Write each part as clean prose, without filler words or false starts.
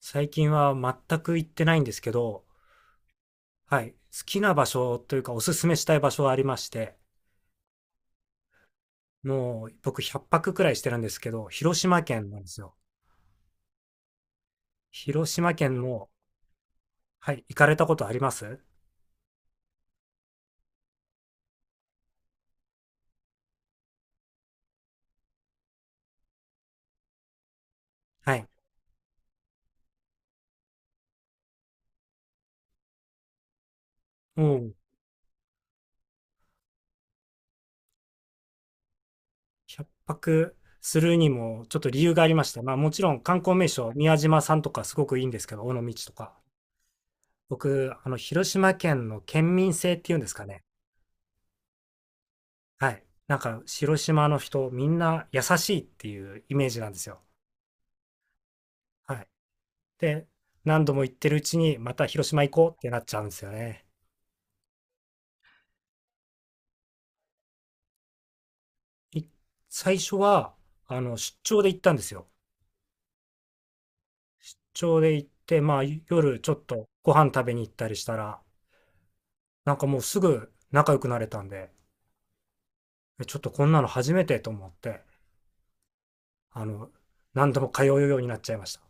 最近は全く行ってないんですけど、はい、好きな場所というかおすすめしたい場所はありまして、もう僕100泊くらいしてるんですけど、広島県なんですよ。広島県の、はい、行かれたことあります？はい。もう100泊するにもちょっと理由がありまして、まあもちろん観光名所、宮島さんとかすごくいいんですけど、尾道とか。僕、広島県の県民性っていうんですかね。はい。なんか、広島の人、みんな優しいっていうイメージなんですよ。はい。で、何度も行ってるうちに、また広島行こうってなっちゃうんですよね。い最初は、出張で行ったんですよ。出張で行って、まあ、夜ちょっとご飯食べに行ったりしたら、なんかもうすぐ仲良くなれたんで、ちょっとこんなの初めてと思って、あの、何度も通うようになっちゃいました。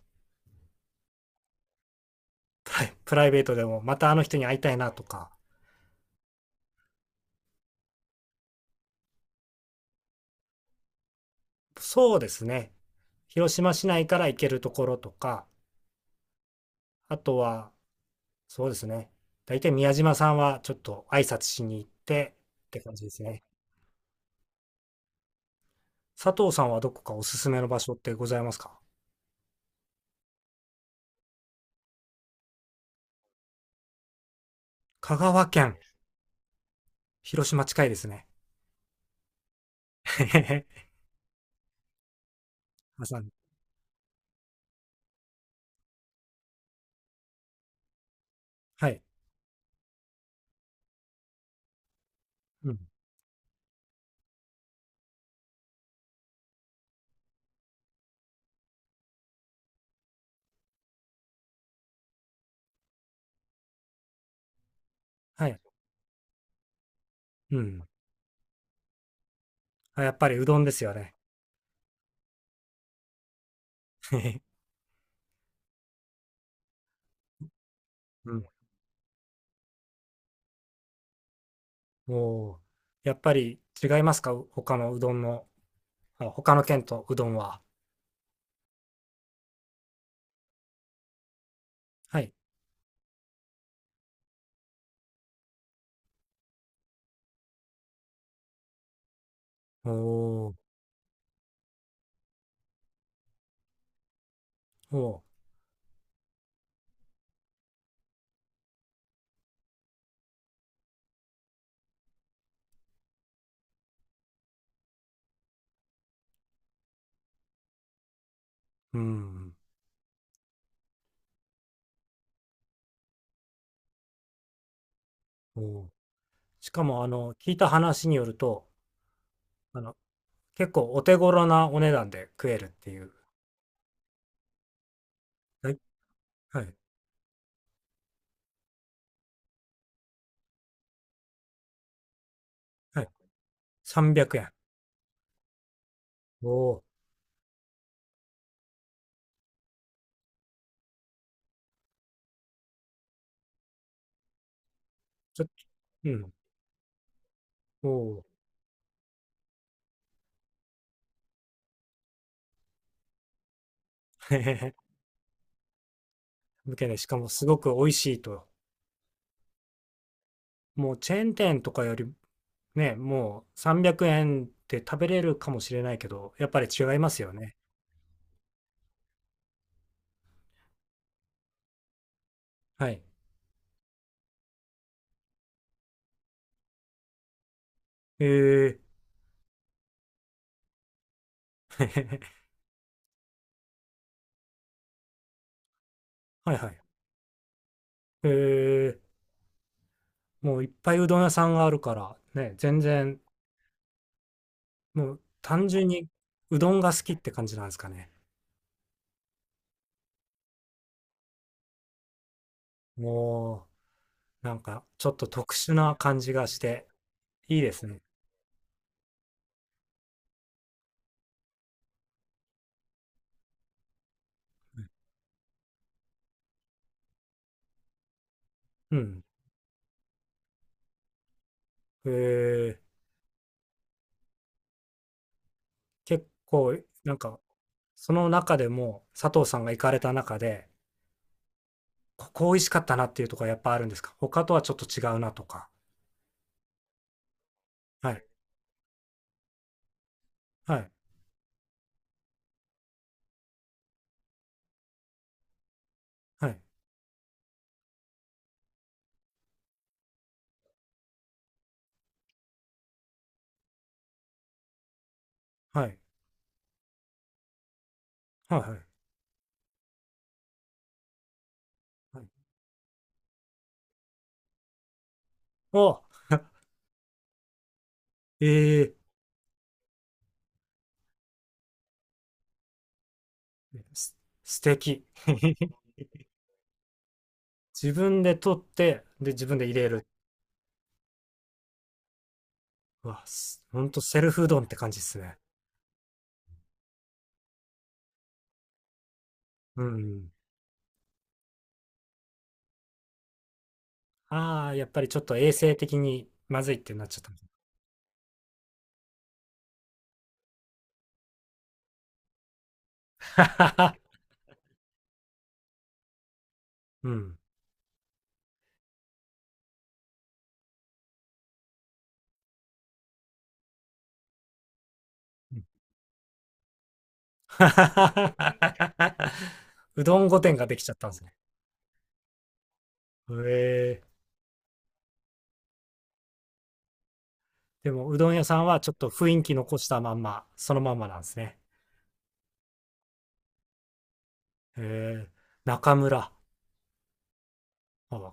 プライベートでも、またあの人に会いたいなとか、そうですね。広島市内から行けるところとか、あとは、そうですね。大体宮島さんはちょっと挨拶しに行ってって感じですね。佐藤さんはどこかおすすめの場所ってございますか？香川県、広島近いですね。へへへ。挟んで、はい。うん。はい。うん。あ、やっぱりうどんですよね。へへ。うん。おお。やっぱり違いますか？他のうどんの、あ、他の県とうどんは。はい。おお。おお。うん。おお。しかも、聞いた話によると、あの、結構お手頃なお値段で食えるっていう。はい、はい、はい。300円。おお、ちょっとうん、おお。へへへ。向けで、しかもすごく美味しいと。もうチェーン店とかよりね、もう300円で食べれるかもしれないけど、やっぱり違いますよね。はい。ええ。へへへ。 はいはい。へえ。もういっぱいうどん屋さんがあるから、ね、全然、もう単純にうどんが好きって感じなんですかね。おう、なんか、ちょっと特殊な感じがして、いいですね。うん。えー、結構、なんか、その中でも、佐藤さんが行かれた中で、ここ美味しかったなっていうところはやっぱあるんですか？他とはちょっと違うなとか。はい、はい、はい、はい、はい、はい。はい。お、ええーす素敵。自分で取って、で、自分で入れる。うわ、ほんとセルフうどんって感じですね。うん。ああ、やっぱりちょっと衛生的にまずいってなっちゃった。うん。うん。ははは。はうどん御殿ができちゃったんですね。へえ。でも、うどん屋さんはちょっと雰囲気残したまんま、そのまんまなんですね。へえ。中村。あ、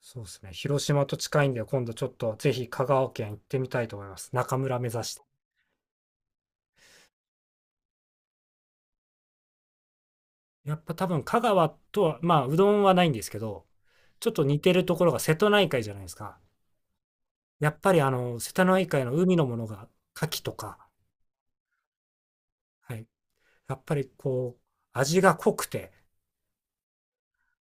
そうですね。広島と近いんで、今度ちょっとぜひ香川県行ってみたいと思います。中村目指して。やっぱ多分香川とは、まあ、うどんはないんですけど、ちょっと似てるところが瀬戸内海じゃないですか。やっぱり瀬戸内海の海のものが、牡蠣とか、はい、やっぱりこう、味が濃くて、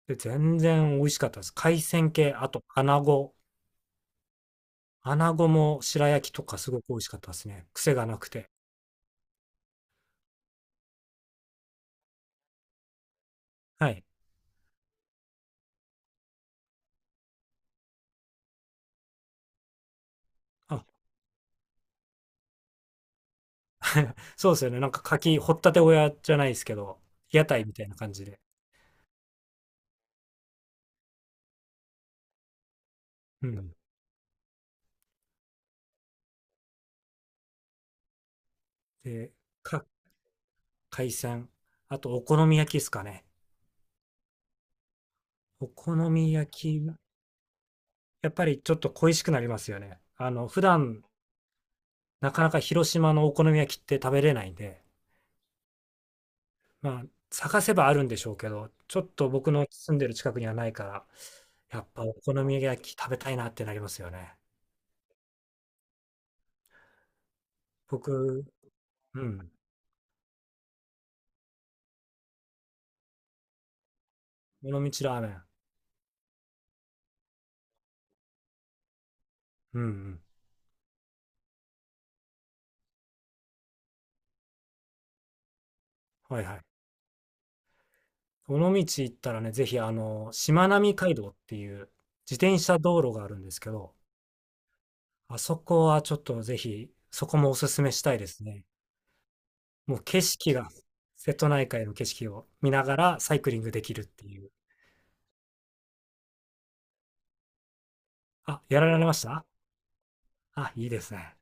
で、全然美味しかったです。海鮮系、あと穴子。穴子も白焼きとかすごく美味しかったですね。癖がなくて。はい。あ、そうですよね。なんか牡蠣、掘ったて小屋じゃないですけど、屋台みたいな感じで。うん。で、か、海鮮。あと、お好み焼きですかね。お好み焼き、やっぱりちょっと恋しくなりますよね。普段、なかなか広島のお好み焼きって食べれないんで、まあ、探せばあるんでしょうけど、ちょっと僕の住んでる近くにはないから、やっぱお好み焼き食べたいなってなりますよね。僕、うん、尾道ラーメン。うんうん。はいはい。尾道行ったらね、ぜひしまなみ海道っていう自転車道路があるんですけど、あそこはちょっとぜひ、そこもおすすめしたいですね。もう景色が、瀬戸内海の景色を見ながらサイクリングできるっていう。あ、やられました？あ、いいですね。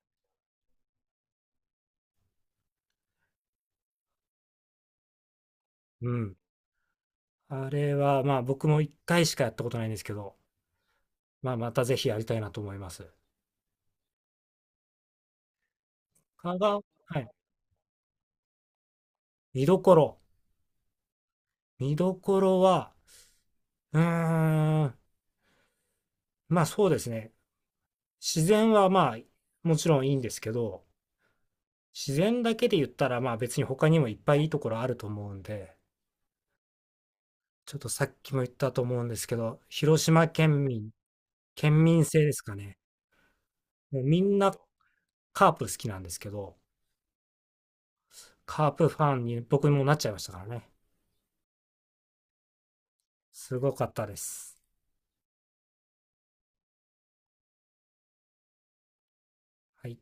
うん。あれは、まあ、僕も1回しかやったことないんですけど、まあ、またぜひやりたいなと思います。香川、はい。見どころ。見どころは、うーん、まあそうですね。自然はまあ、もちろんいいんですけど、自然だけで言ったら、まあ別に他にもいっぱいいいところあると思うんで、ちょっとさっきも言ったと思うんですけど、広島県民、県民性ですかね。もうみんなカープ好きなんですけど、カープファンに僕もなっちゃいましたからね。すごかったです。はい。